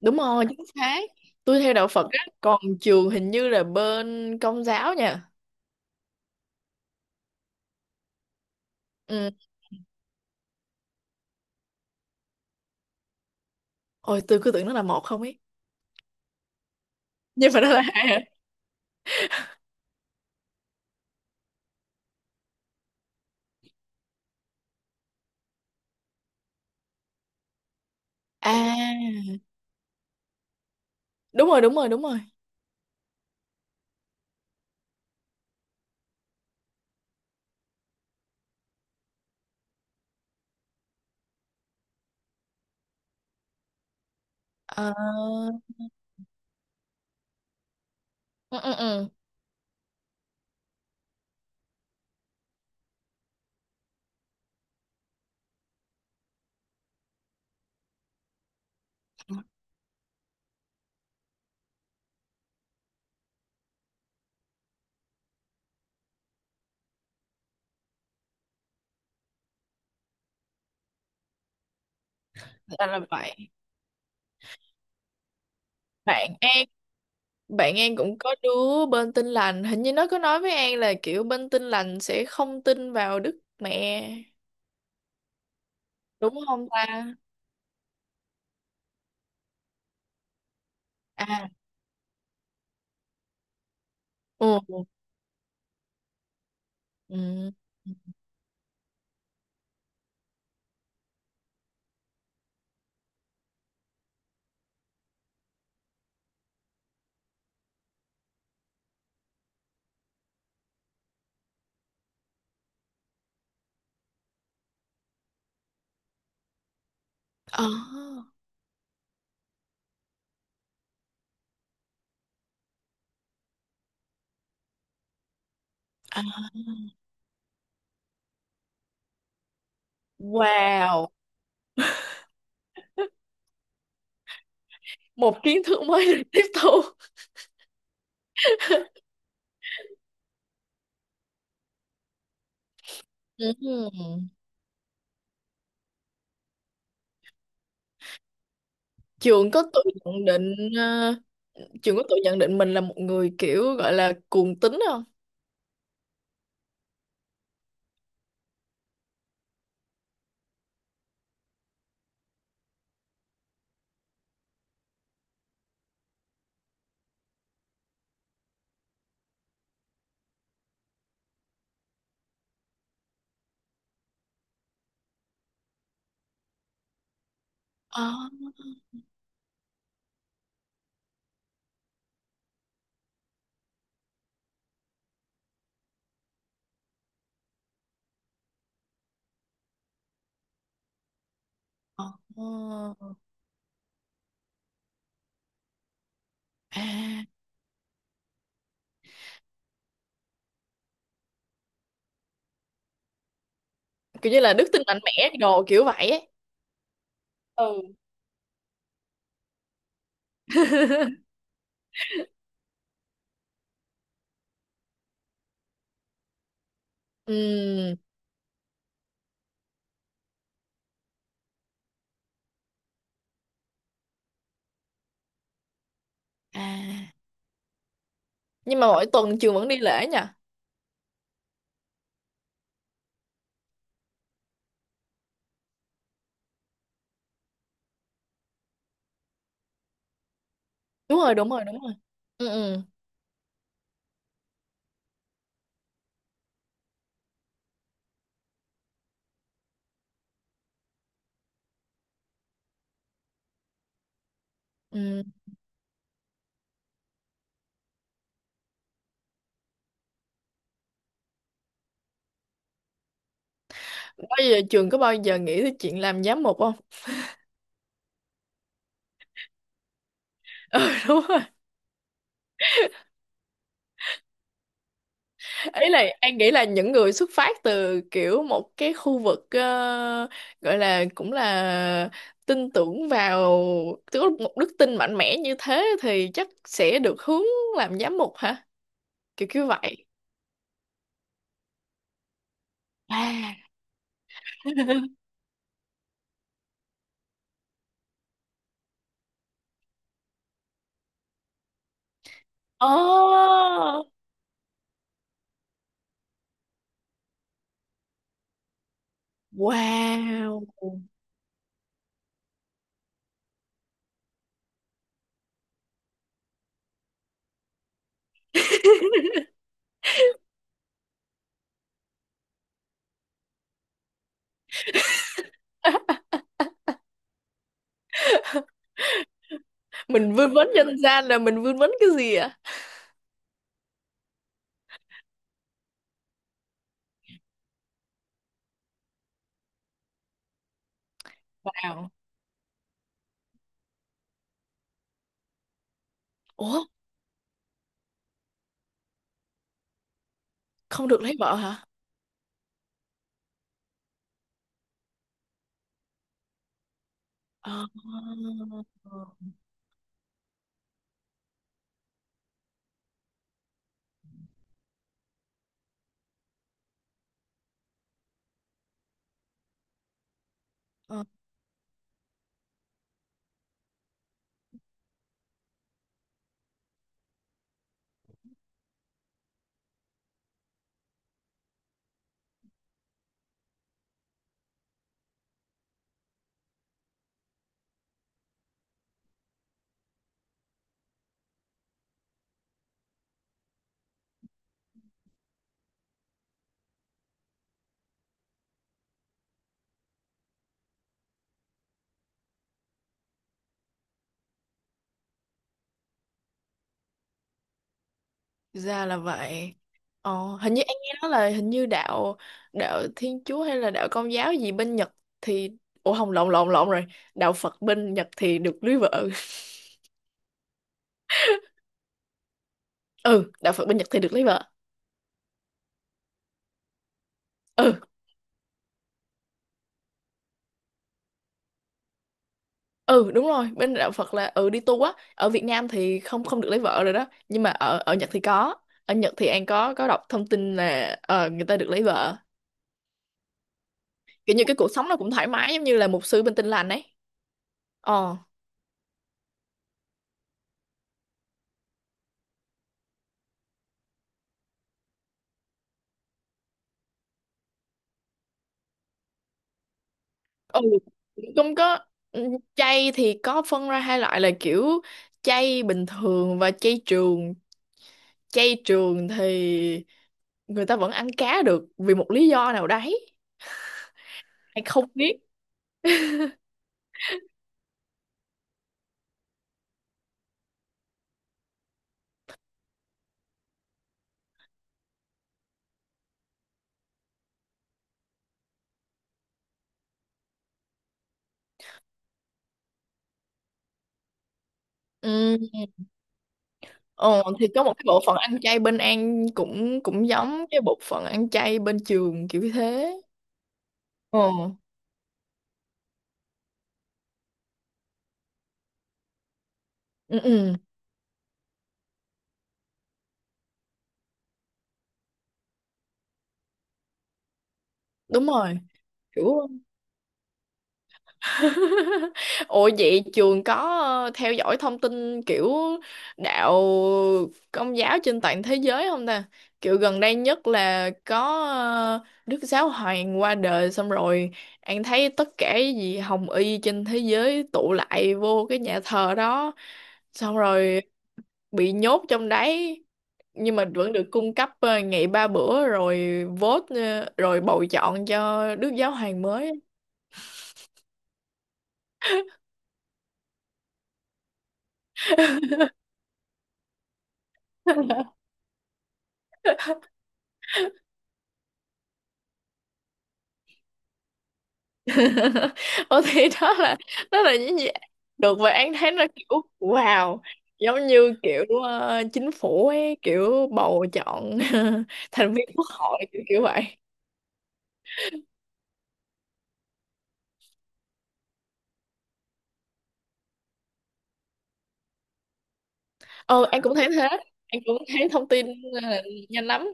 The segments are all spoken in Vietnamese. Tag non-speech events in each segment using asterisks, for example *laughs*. Đúng rồi, chính xác. Tôi theo đạo Phật á, còn trường hình như là bên Công giáo nha. Ừ. Ôi, tôi cứ tưởng nó là một không ấy, nhưng mà nó là hai hả? À, đúng rồi, đúng rồi, đúng rồi. Ờ, ừ, ừ, ừ. Là vậy. Bạn An bạn An cũng có đứa bên Tin lành, hình như nó có nói với An là kiểu bên Tin lành sẽ không tin vào Đức Mẹ, đúng không ta? À, ừ, ừ, ừ. Ờ. À. Wow, một kiến thức mới được tiếp thu. Ừm. Trường có tự nhận định ờ, Trường có tự nhận định mình là một người kiểu gọi là cuồng tín không? Ờ. Ờ. À, kiểu như là đức tin mạnh mẽ đồ kiểu vậy ấy. Ừ. Ừm. À. Nhưng mà mỗi tuần trường vẫn đi lễ nha. Đúng rồi, đúng rồi, đúng rồi. Ừ, ừ. Ừ. Bao giờ trường có bao giờ nghĩ tới chuyện làm giám mục không? *laughs* Ừ, đúng. Ý là An nghĩ là những người xuất phát từ kiểu một cái khu vực, gọi là cũng là tin tưởng vào, tức là một đức tin mạnh mẽ như thế thì chắc sẽ được hướng làm giám mục hả, kiểu kiểu vậy. À. *laughs* Oh, wow. Mình vươn vấn nhân gian là mình vươn vấn cái gì ạ? Wow. Ủa, không được lấy vợ hả? Ờ. Ra là vậy. Ồ, hình như anh nghe nói là hình như đạo, đạo Thiên Chúa hay là đạo Công giáo gì bên Nhật thì, ủa không, lộn lộn lộn rồi, đạo Phật bên Nhật thì được lấy vợ. *laughs* Ừ, đạo Phật bên Nhật thì được lấy vợ. Ừ. Ừ, đúng rồi, bên đạo Phật là, ừ, đi tu á, ở Việt Nam thì không, không được lấy vợ rồi đó, nhưng mà ở, ở Nhật thì có. Ở Nhật thì anh có đọc thông tin là, người ta được lấy vợ, kiểu như cái cuộc sống nó cũng thoải mái giống như là mục sư bên Tin Lành ấy. Ờ. Ừ, cũng có. Ừ, chay thì có phân ra hai loại là kiểu chay bình thường và chay trường. Chay trường thì người ta vẫn ăn cá được vì một lý do nào đấy, hay không biết. Ừ. Ờ, thì có một cái bộ phận ăn chay bên An cũng cũng giống cái bộ phận ăn chay bên trường kiểu như thế. Ờ. Ừ, ừ, đúng rồi, kiểu. *laughs* Ủa vậy trường có, theo dõi thông tin kiểu đạo công giáo trên toàn thế giới không ta? Kiểu gần đây nhất là có, Đức Giáo Hoàng qua đời, xong rồi An thấy tất cả cái gì Hồng Y trên thế giới tụ lại vô cái nhà thờ đó, xong rồi bị nhốt trong đấy, nhưng mà vẫn được cung cấp, ngày ba bữa, rồi vote, rồi bầu chọn cho Đức Giáo Hoàng mới. *laughs* *laughs* Ờ thì đó là, đó là những gì được, và An thấy nó kiểu wow, giống như kiểu, chính phủ ấy, kiểu bầu chọn *laughs* thành viên quốc hội kiểu kiểu vậy. Ờ, An cũng thấy thế. An cũng thấy thông tin là nhanh lắm.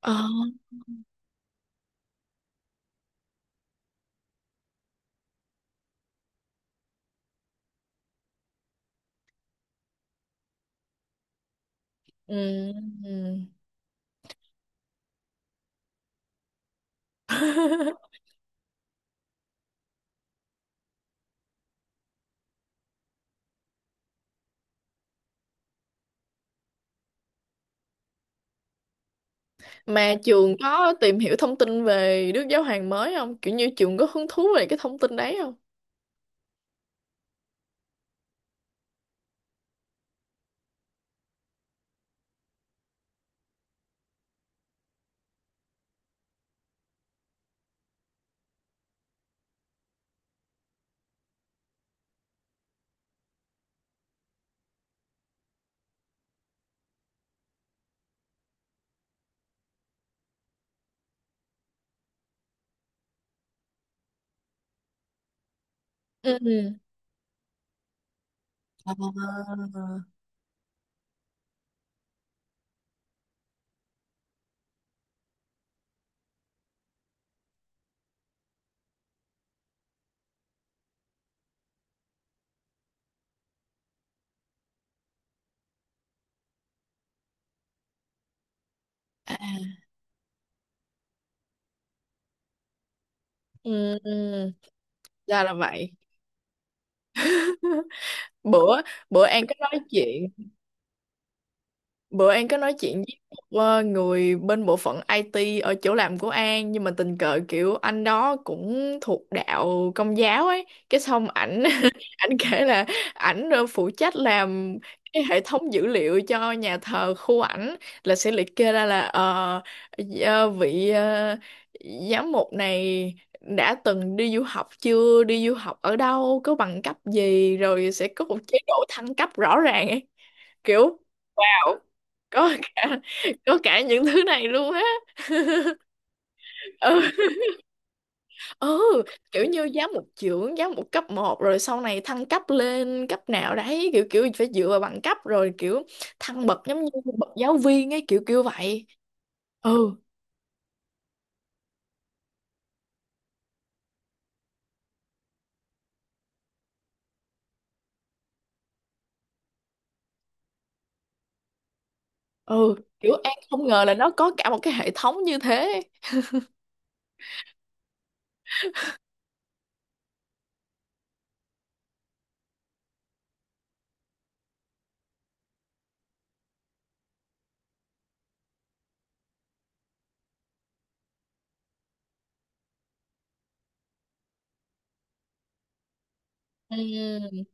Ờ. Ừ. Ừ. *laughs* Mà trường có tìm hiểu thông tin về Đức Giáo Hoàng mới không, kiểu như trường có hứng thú về cái thông tin đấy không? Ừ. Ừ. Ờ. À. Ừ, ừ. Ra là vậy. *laughs* bữa bữa An có nói chuyện Bữa An có nói chuyện với một, người bên bộ phận IT ở chỗ làm của An, nhưng mà tình cờ kiểu anh đó cũng thuộc đạo Công giáo ấy, cái xong ảnh *laughs* ảnh kể là ảnh, phụ trách làm cái hệ thống dữ liệu cho nhà thờ khu ảnh, là sẽ liệt kê ra là vị, giám mục này đã từng đi du học chưa, đi du học ở đâu, có bằng cấp gì, rồi sẽ có một chế độ thăng cấp rõ ràng ấy, kiểu có cả, có cả những thứ này luôn á. Ừ. Ừ, kiểu như giáo một trưởng, giáo một cấp một, rồi sau này thăng cấp lên cấp nào đấy, kiểu kiểu phải dựa vào bằng cấp, rồi kiểu thăng bậc giống như bậc giáo viên ấy, kiểu kiểu vậy. Ừ. Ừ, kiểu An không ngờ là nó có cả một cái hệ thống như thế. Ừm.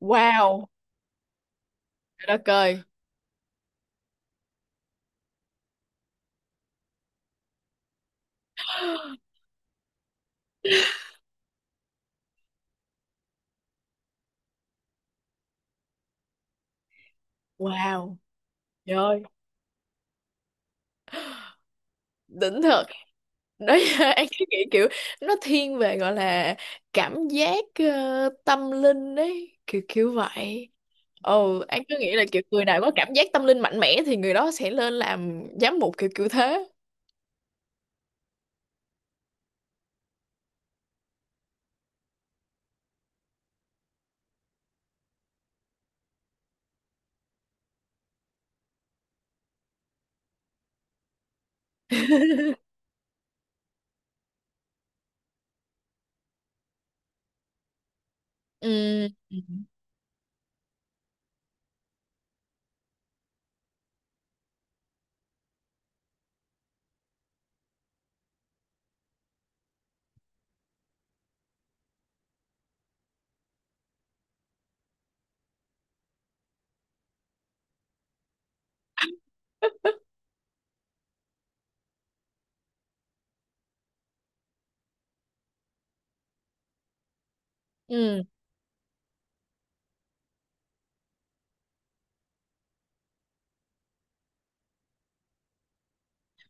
Wow, trời đất ơi. Wow, trời ơi, đỉnh thật đấy. *laughs* Anh cứ nghĩ kiểu nó thiên về gọi là cảm giác, tâm linh đấy, kiểu kiểu vậy. Ồ, anh cứ nghĩ là kiểu người nào có cảm giác tâm linh mạnh mẽ thì người đó sẽ lên làm giám mục kiểu kiểu thế. Ừ, ừ, ừ.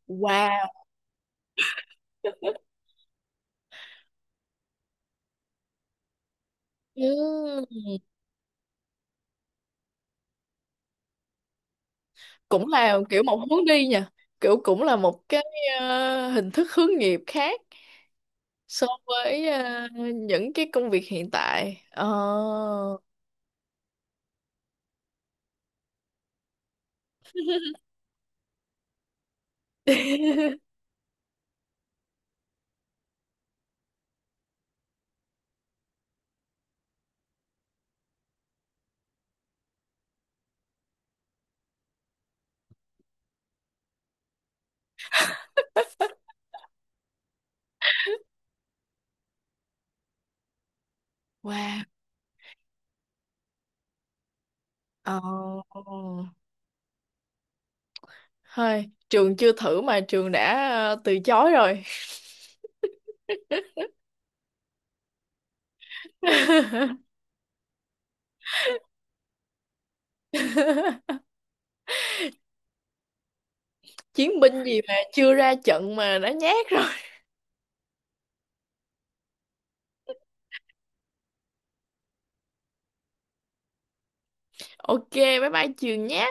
Wow. Ừ. Cũng là kiểu một hướng đi nha, kiểu cũng là một cái, hình thức hướng nghiệp khác so với, ờ, những cái công việc hiện tại. Ờ. Wow. Ờ. Thôi, trường chưa thử mà trường đã, từ chối rồi. *laughs* Chiến binh gì mà chưa ra trận mà đã nhát rồi. Ok, bye bye trường nhé.